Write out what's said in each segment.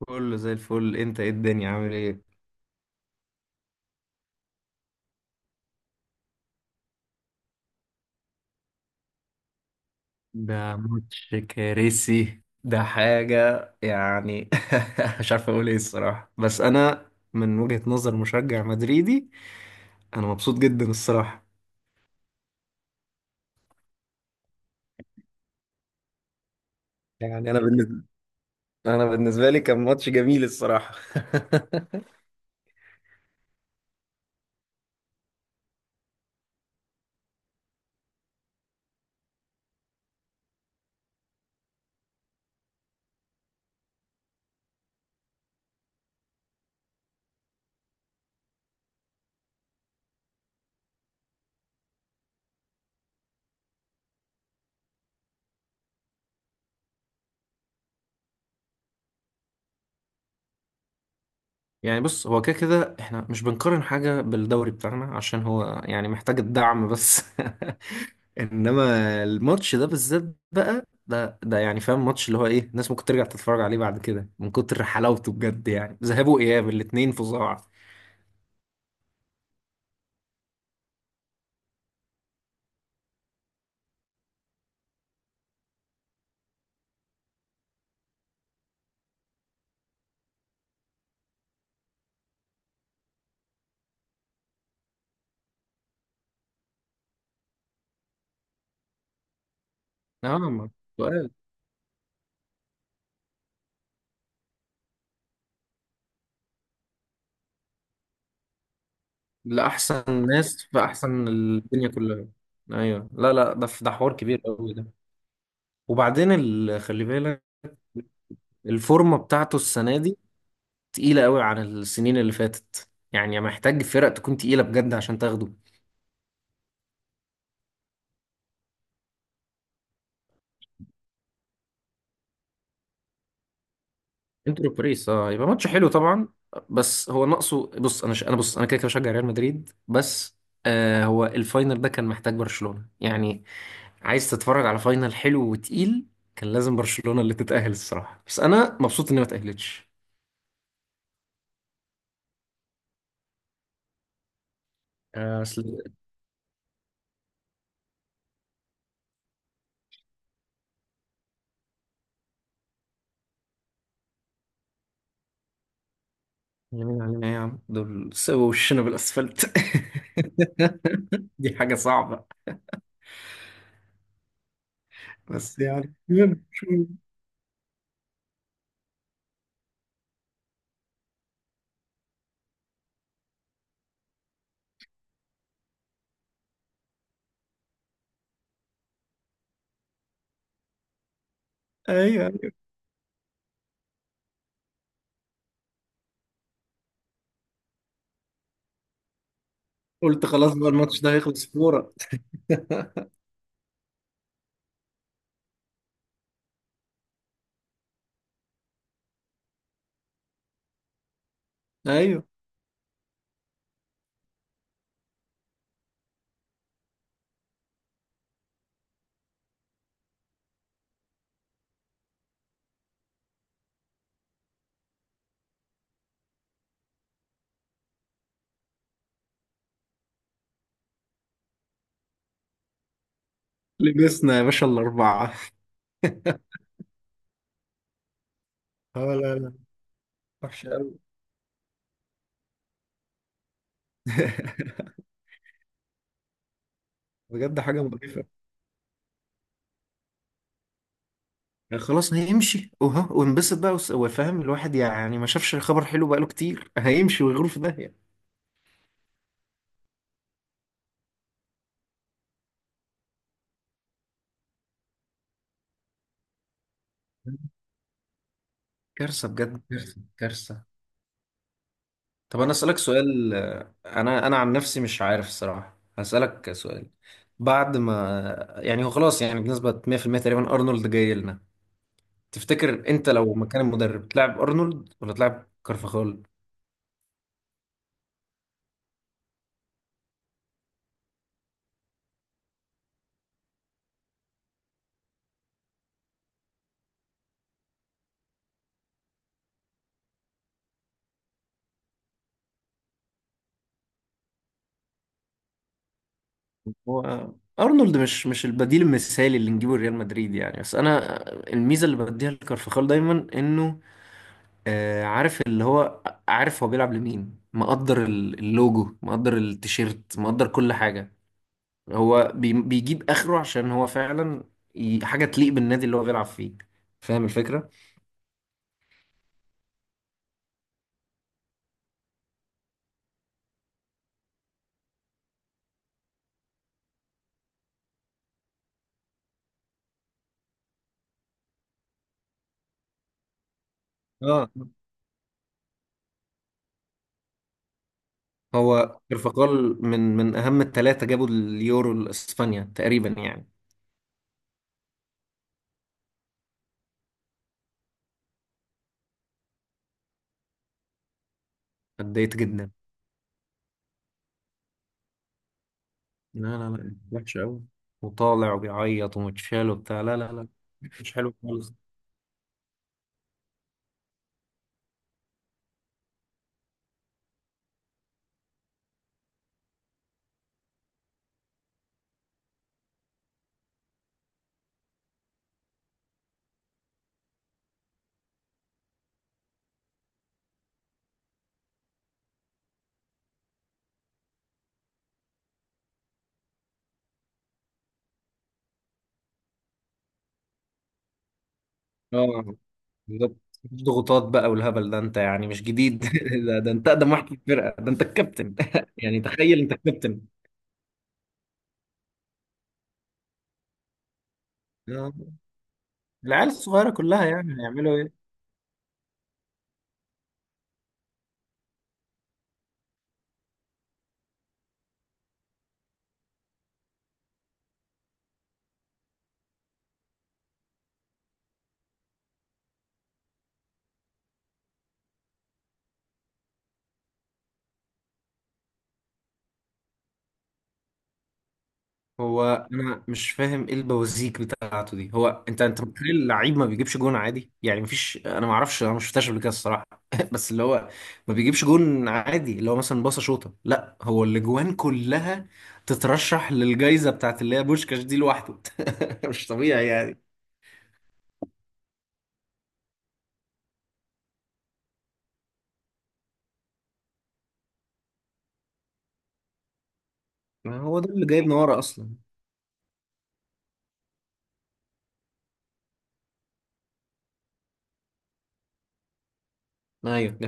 كله زي الفل، انت ايه الدنيا عامل ايه؟ ده ماتش كارثي، ده حاجة يعني. مش عارف اقول ايه الصراحة، بس انا من وجهة نظر مشجع مدريدي انا مبسوط جدا الصراحة. يعني انا بالنسبة لي كان ماتش جميل الصراحة. يعني بص، هو كده كده احنا مش بنقارن حاجة بالدوري بتاعنا عشان هو يعني محتاج الدعم بس. انما الماتش ده بالذات، بقى ده يعني فاهم، ماتش اللي هو ايه الناس ممكن ترجع تتفرج عليه بعد كده من كتر حلاوته بجد، يعني ذهاب واياب الاتنين فظاع. نعم. سؤال. لأحسن ناس في أحسن الدنيا كلها. أيوه، لا لا، ده حوار كبير قوي ده. وبعدين خلي بالك، الفورمة بتاعته السنة دي تقيلة قوي عن السنين اللي فاتت، يعني محتاج فرق تكون تقيلة بجد عشان تاخده. انتر وباريس، اه، يبقى ماتش حلو طبعا. بس هو ناقصه. بص انا انا بص، انا كده كده بشجع ريال مدريد بس. هو الفاينل ده كان محتاج برشلونة يعني، عايز تتفرج على فاينل حلو وتقيل. كان لازم برشلونة اللي تتأهل الصراحة، بس انا مبسوط اني ما تأهلتش. اصل. يمين علينا ايه يا عم، دول سووا وشنا بالاسفلت. دي حاجة صعبة. بس يعني يلا، شو. ايوه، ايوه، قلت خلاص بقى الماتش ده هيخلص فورة. ايوه، لبسنا يا باشا الاربعة. اه، لا لا، وحشة أوي. بجد حاجة مقرفة. خلاص نمشي وها ونبسط بقى، وفاهم الواحد يعني، ما شافش خبر حلو بقاله كتير. هيمشي ويغور في داهية. كارثة بجد، كارثة، كارثة. طب أنا أسألك سؤال، أنا عن نفسي مش عارف الصراحة، هسألك سؤال. بعد ما يعني هو خلاص، يعني بنسبة 100% تقريبا أرنولد جاي لنا، تفتكر أنت لو مكان المدرب تلعب أرنولد ولا تلعب كارفاخال؟ هو ارنولد مش البديل المثالي اللي نجيبه ريال مدريد يعني، بس انا الميزه اللي بديها لكارفخال دايما انه آه، عارف اللي هو عارف هو بيلعب لمين، مقدر اللوجو، مقدر التيشيرت، مقدر كل حاجه. هو بيجيب اخره عشان هو فعلا حاجه تليق بالنادي اللي هو بيلعب فيه، فاهم الفكره. اه، هو كارفخال من اهم الثلاثه جابوا اليورو لاسبانيا تقريبا يعني. اتضايقت جدا. لا لا لا، وحش قوي. وطالع وبيعيط ومتشال وبتاع، لا لا لا، مش حلو خالص. اه، بالظبط. مفيش ضغوطات بقى والهبل ده، انت يعني مش جديد. ده انت اقدم واحد في الفرقه، ده انت الكابتن. يعني تخيل انت الكابتن. آه. العيال الصغيره كلها يعني هيعملوا ايه. هو انا مش فاهم ايه البوازيك بتاعته دي، هو انت متخيل اللعيب ما بيجيبش جون عادي يعني؟ مفيش، انا ما اعرفش، انا ما شفتهاش قبل كده الصراحه. بس اللي هو ما بيجيبش جون عادي اللي هو مثلا باصه شوطه، لا هو الاجوان كلها تترشح للجائزه بتاعت اللي هي بوشكاش دي لوحده. مش طبيعي يعني. ما هو ده اللي جايبنا ورا اصلا. ايوه، دي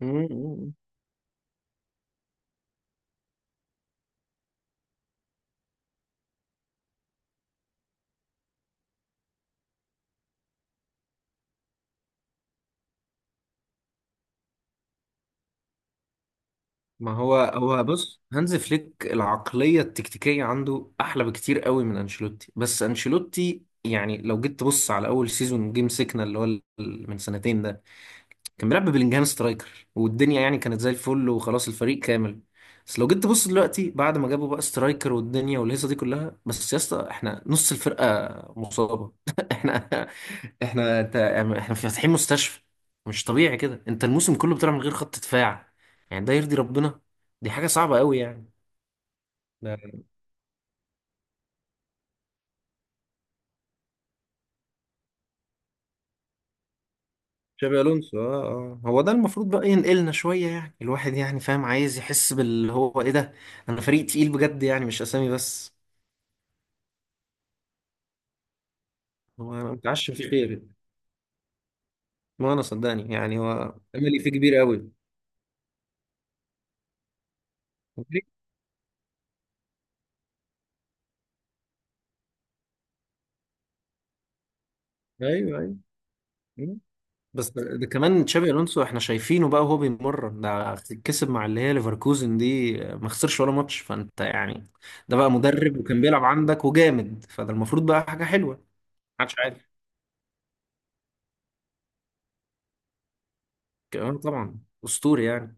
حقيقه. ما هو بص، هانز فليك العقلية التكتيكية عنده أحلى بكتير قوي من أنشيلوتي، بس أنشيلوتي يعني لو جيت تبص على أول سيزون جيم سيكنا، اللي هو من سنتين ده، كان بيلعب ببلينجهام سترايكر والدنيا يعني كانت زي الفل، وخلاص الفريق كامل. بس لو جيت تبص دلوقتي، بعد ما جابوا بقى سترايكر والدنيا والهيصه دي كلها، بس يا اسطى احنا نص الفرقه مصابه. احنا احنا انت يعني، احنا فاتحين مستشفى. مش طبيعي كده انت الموسم كله بتلعب من غير خط دفاع، يعني ده يرضي ربنا؟ دي حاجه صعبه قوي يعني. ده تشابي الونسو، اه اه، هو ده المفروض بقى ينقلنا شوية يعني، الواحد يعني فاهم عايز يحس باللي هو ايه ده، انا فريق تقيل بجد يعني، مش اسامي بس. هو انا متعشم فيه خير. ما انا صدقني يعني، هو املي فيه كبير قوي. ايوه، ايوه. مم. بس ده كمان تشابي الونسو احنا شايفينه بقى وهو بيمرن، ده كسب مع اللي هي ليفركوزن دي، ما خسرش ولا ماتش، فانت يعني ده بقى مدرب وكان بيلعب عندك وجامد، فده المفروض بقى حاجه حلوه. محدش عارف كمان طبعا، اسطوري يعني.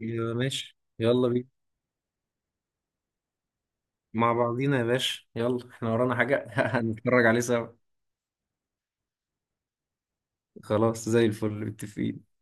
يا ماشي، يلا بينا. مع بعضينا يا باشا، يلا احنا ورانا حاجه. هنتفرج عليه سوا. خلاص، زي الفل، متفقين.